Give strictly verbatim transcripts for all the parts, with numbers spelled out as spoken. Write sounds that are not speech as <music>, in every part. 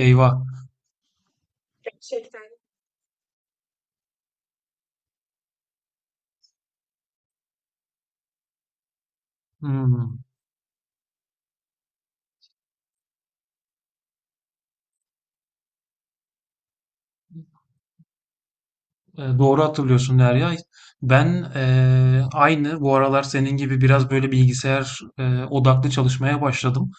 Eyvah… Hmm. Eee, doğru hatırlıyorsun Derya. Ben eee, aynı bu aralar senin gibi biraz böyle bilgisayar eee, odaklı çalışmaya başladım.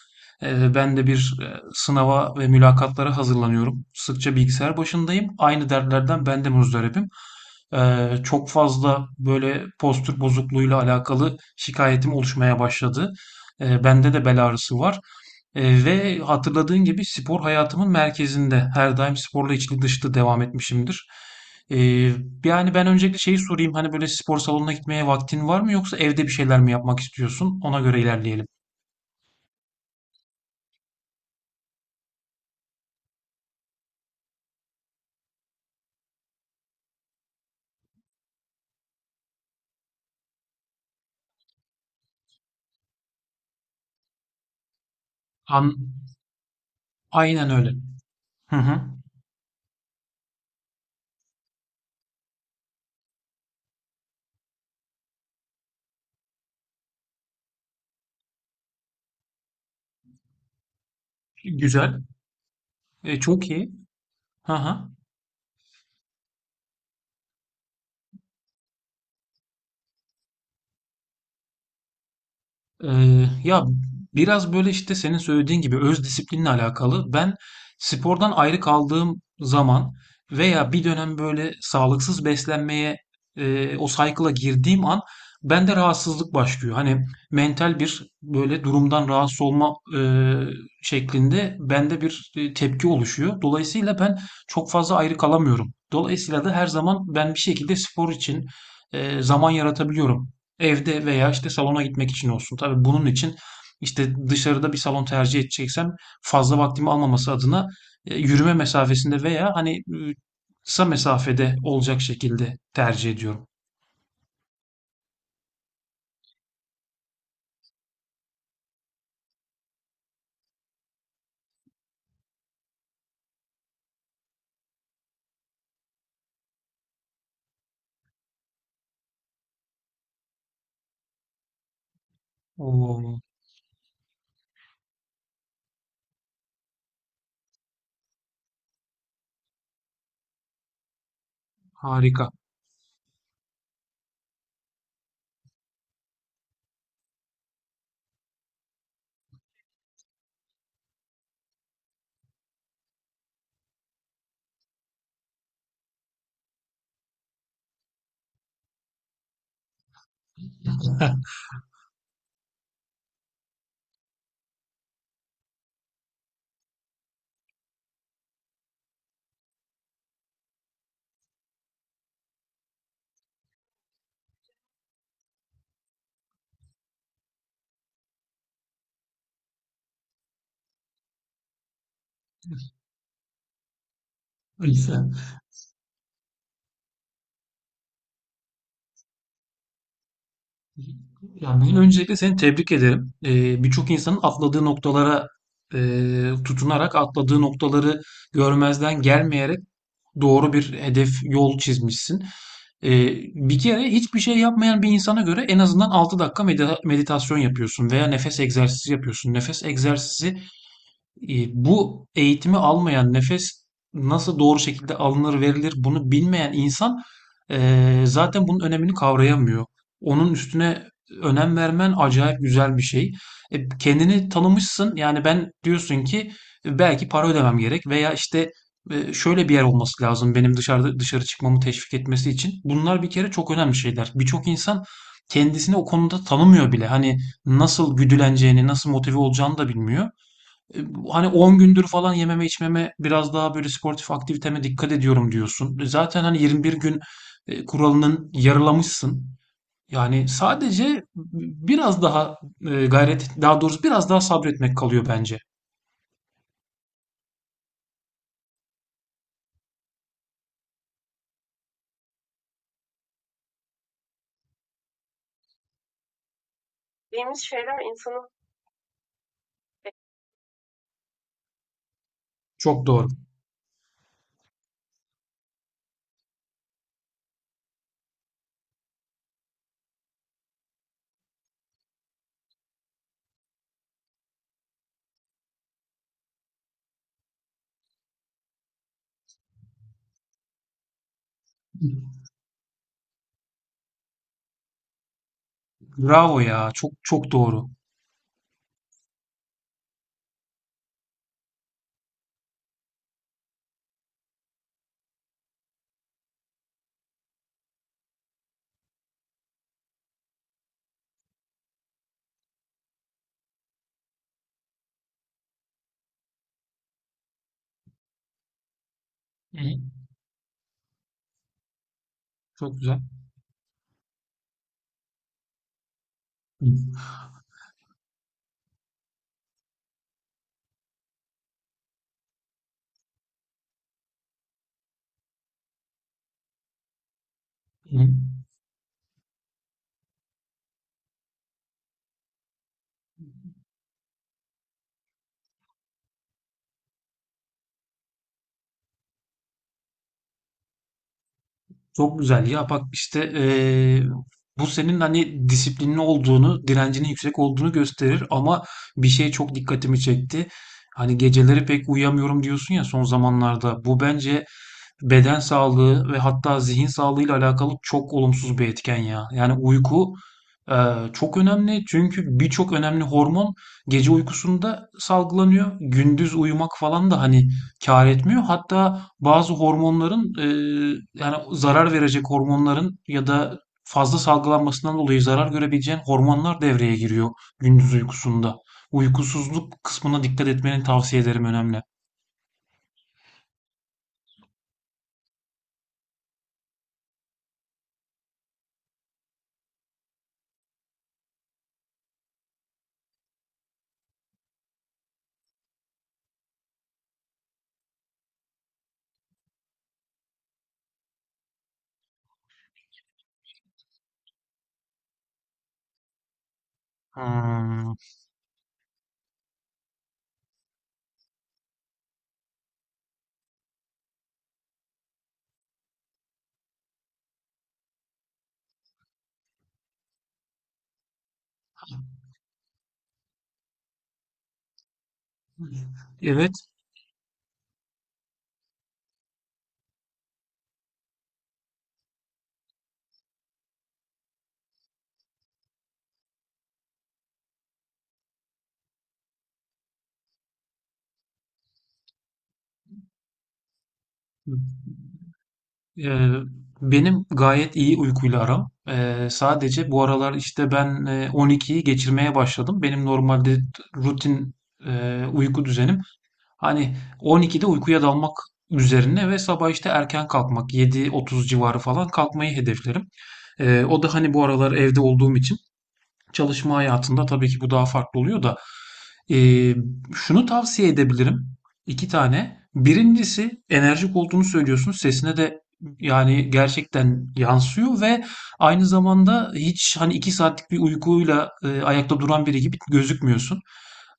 Eee, ben de bir eee, sınava ve mülakatlara hazırlanıyorum. Sıkça bilgisayar başındayım. Aynı dertlerden ben de muzdaribim. Eee, çok fazla böyle postür bozukluğuyla alakalı şikayetim oluşmaya başladı. Eee, bende de bel ağrısı var. Eee, ve hatırladığın gibi spor hayatımın merkezinde. Her daim sporla içli dışlı devam etmişimdir. Ee, yani ben öncelikle şeyi sorayım, hani böyle spor salonuna gitmeye vaktin var mı yoksa evde bir şeyler mi yapmak istiyorsun? Ona göre ilerleyelim. An Aynen öyle. Hı hı. Güzel. E, çok iyi. Hı hı. Ee, ya biraz böyle işte senin söylediğin gibi öz disiplinle alakalı. Ben spordan ayrı kaldığım zaman veya bir dönem böyle sağlıksız beslenmeye, e, o cycle'a girdiğim an bende rahatsızlık başlıyor. Hani mental bir böyle durumdan rahatsız olma, e, şeklinde bende bir e, tepki oluşuyor. Dolayısıyla ben çok fazla ayrı kalamıyorum. Dolayısıyla da her zaman ben bir şekilde spor için e, zaman yaratabiliyorum. Evde veya işte salona gitmek için olsun. Tabii bunun için işte dışarıda bir salon tercih edeceksem, fazla vaktimi almaması adına e, yürüme mesafesinde veya hani e, kısa mesafede olacak şekilde tercih ediyorum. Oo, harika. <laughs> Yani öncelikle seni tebrik ederim. Ee, birçok insanın atladığı noktalara, e, tutunarak atladığı noktaları görmezden gelmeyerek doğru bir hedef yol çizmişsin. Ee, bir kere hiçbir şey yapmayan bir insana göre en azından altı dakika medi- meditasyon yapıyorsun veya nefes egzersizi yapıyorsun. Nefes egzersizi, e, bu eğitimi almayan, nefes nasıl doğru şekilde alınır verilir bunu bilmeyen insan, e, zaten bunun önemini kavrayamıyor. Onun üstüne önem vermen acayip güzel bir şey. E, kendini tanımışsın, yani ben diyorsun ki e, belki para ödemem gerek veya işte e, şöyle bir yer olması lazım benim dışarıda dışarı çıkmamı teşvik etmesi için. Bunlar bir kere çok önemli şeyler. Birçok insan kendisini o konuda tanımıyor bile. Hani nasıl güdüleneceğini, nasıl motive olacağını da bilmiyor. E, Hani on gündür falan yememe içmeme, biraz daha böyle sportif aktiviteme dikkat ediyorum diyorsun. E, Zaten hani yirmi bir gün e, kuralının yarılamışsın. Yani sadece biraz daha e, gayret, daha doğrusu biraz daha sabretmek kalıyor bence. Çok doğru. Bravo ya. Çok çok doğru. Hı, Çok güzel. Hı. Hı. Çok güzel ya, bak işte eee, bu senin hani disiplinli olduğunu, direncinin yüksek olduğunu gösterir, ama bir şey çok dikkatimi çekti. Hani geceleri pek uyuyamıyorum diyorsun ya son zamanlarda. Bu bence beden sağlığı ve hatta zihin sağlığıyla alakalı çok olumsuz bir etken ya. Yani uyku eee, çok önemli, çünkü birçok önemli hormon gece uykusunda salgılanıyor. Gündüz uyumak falan da hani kâr etmiyor. Hatta bazı hormonların eee, yani zarar verecek hormonların ya da fazla salgılanmasından dolayı zarar görebileceğin hormonlar devreye giriyor gündüz uykusunda. Uykusuzluk kısmına dikkat etmeni tavsiye ederim, önemli. Hmm, evet. Ee, benim gayet iyi uykuyla aram. Ee, sadece bu aralar işte ben e, on ikiyi geçirmeye başladım. Benim normalde t- rutin e, uyku düzenim hani on ikide uykuya dalmak üzerine ve sabah işte erken kalkmak, yedi otuz civarı falan kalkmayı hedeflerim. Ee, o da hani bu aralar evde olduğum için, çalışma hayatında tabii ki bu daha farklı oluyor da, eee, şunu tavsiye edebilirim. İki tane. Birincisi, enerjik olduğunu söylüyorsun. Sesine de yani gerçekten yansıyor ve aynı zamanda hiç hani iki saatlik bir uykuyla e, ayakta duran biri gibi gözükmüyorsun.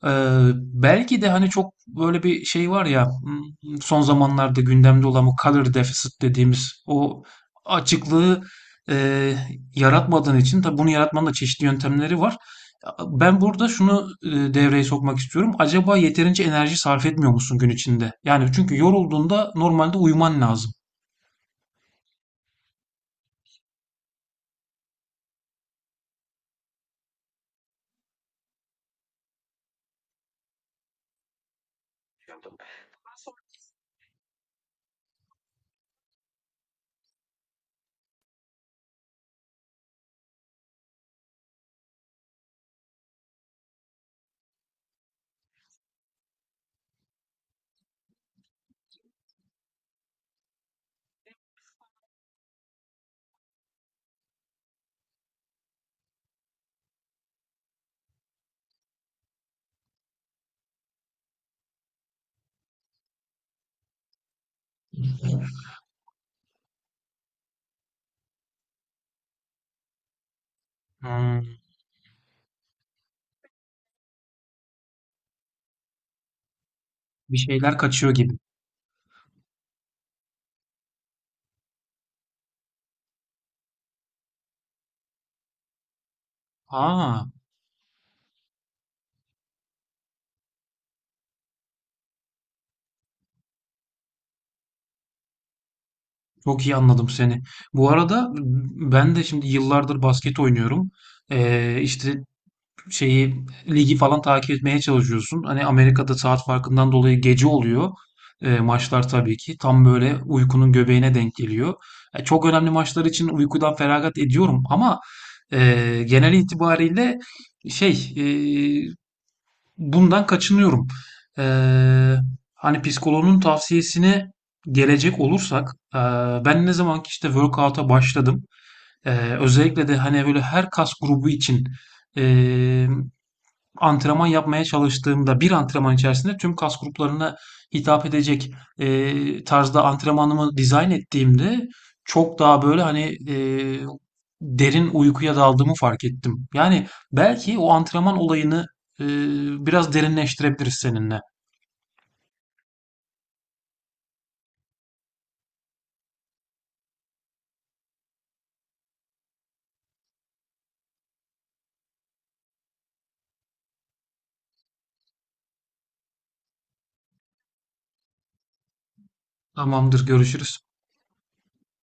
Eee, belki de hani çok böyle bir şey var ya, hmm, son zamanlarda gündemde olan bu color deficit dediğimiz o açıklığı e, yaratmadığın için. Tabii bunu yaratmanın da çeşitli yöntemleri var. Ben burada şunu e, devreye sokmak istiyorum. Acaba yeterince enerji sarf etmiyor musun gün içinde? Yani çünkü yorulduğunda normalde uyuman lazım. Hmm, bir şeyler kaçıyor gibi. Aa, çok iyi anladım seni. Bu arada ben de şimdi yıllardır basket oynuyorum. Ee, işte şeyi, ligi falan takip etmeye çalışıyorsun. Hani Amerika'da saat farkından dolayı gece oluyor. E, maçlar tabii ki tam böyle uykunun göbeğine denk geliyor. E, çok önemli maçlar için uykudan feragat ediyorum, ama e, genel itibariyle şey, e, bundan kaçınıyorum. E, hani psikoloğun tavsiyesine gelecek olursak, e, ben ne zaman ki işte workout'a başladım, E, özellikle de hani böyle her kas grubu için e, antrenman yapmaya çalıştığımda, bir antrenman içerisinde tüm kas gruplarına hitap edecek e, tarzda antrenmanımı dizayn ettiğimde, çok daha böyle hani e, derin uykuya daldığımı fark ettim. Yani belki o antrenman olayını e, biraz derinleştirebiliriz seninle. Tamamdır, görüşürüz.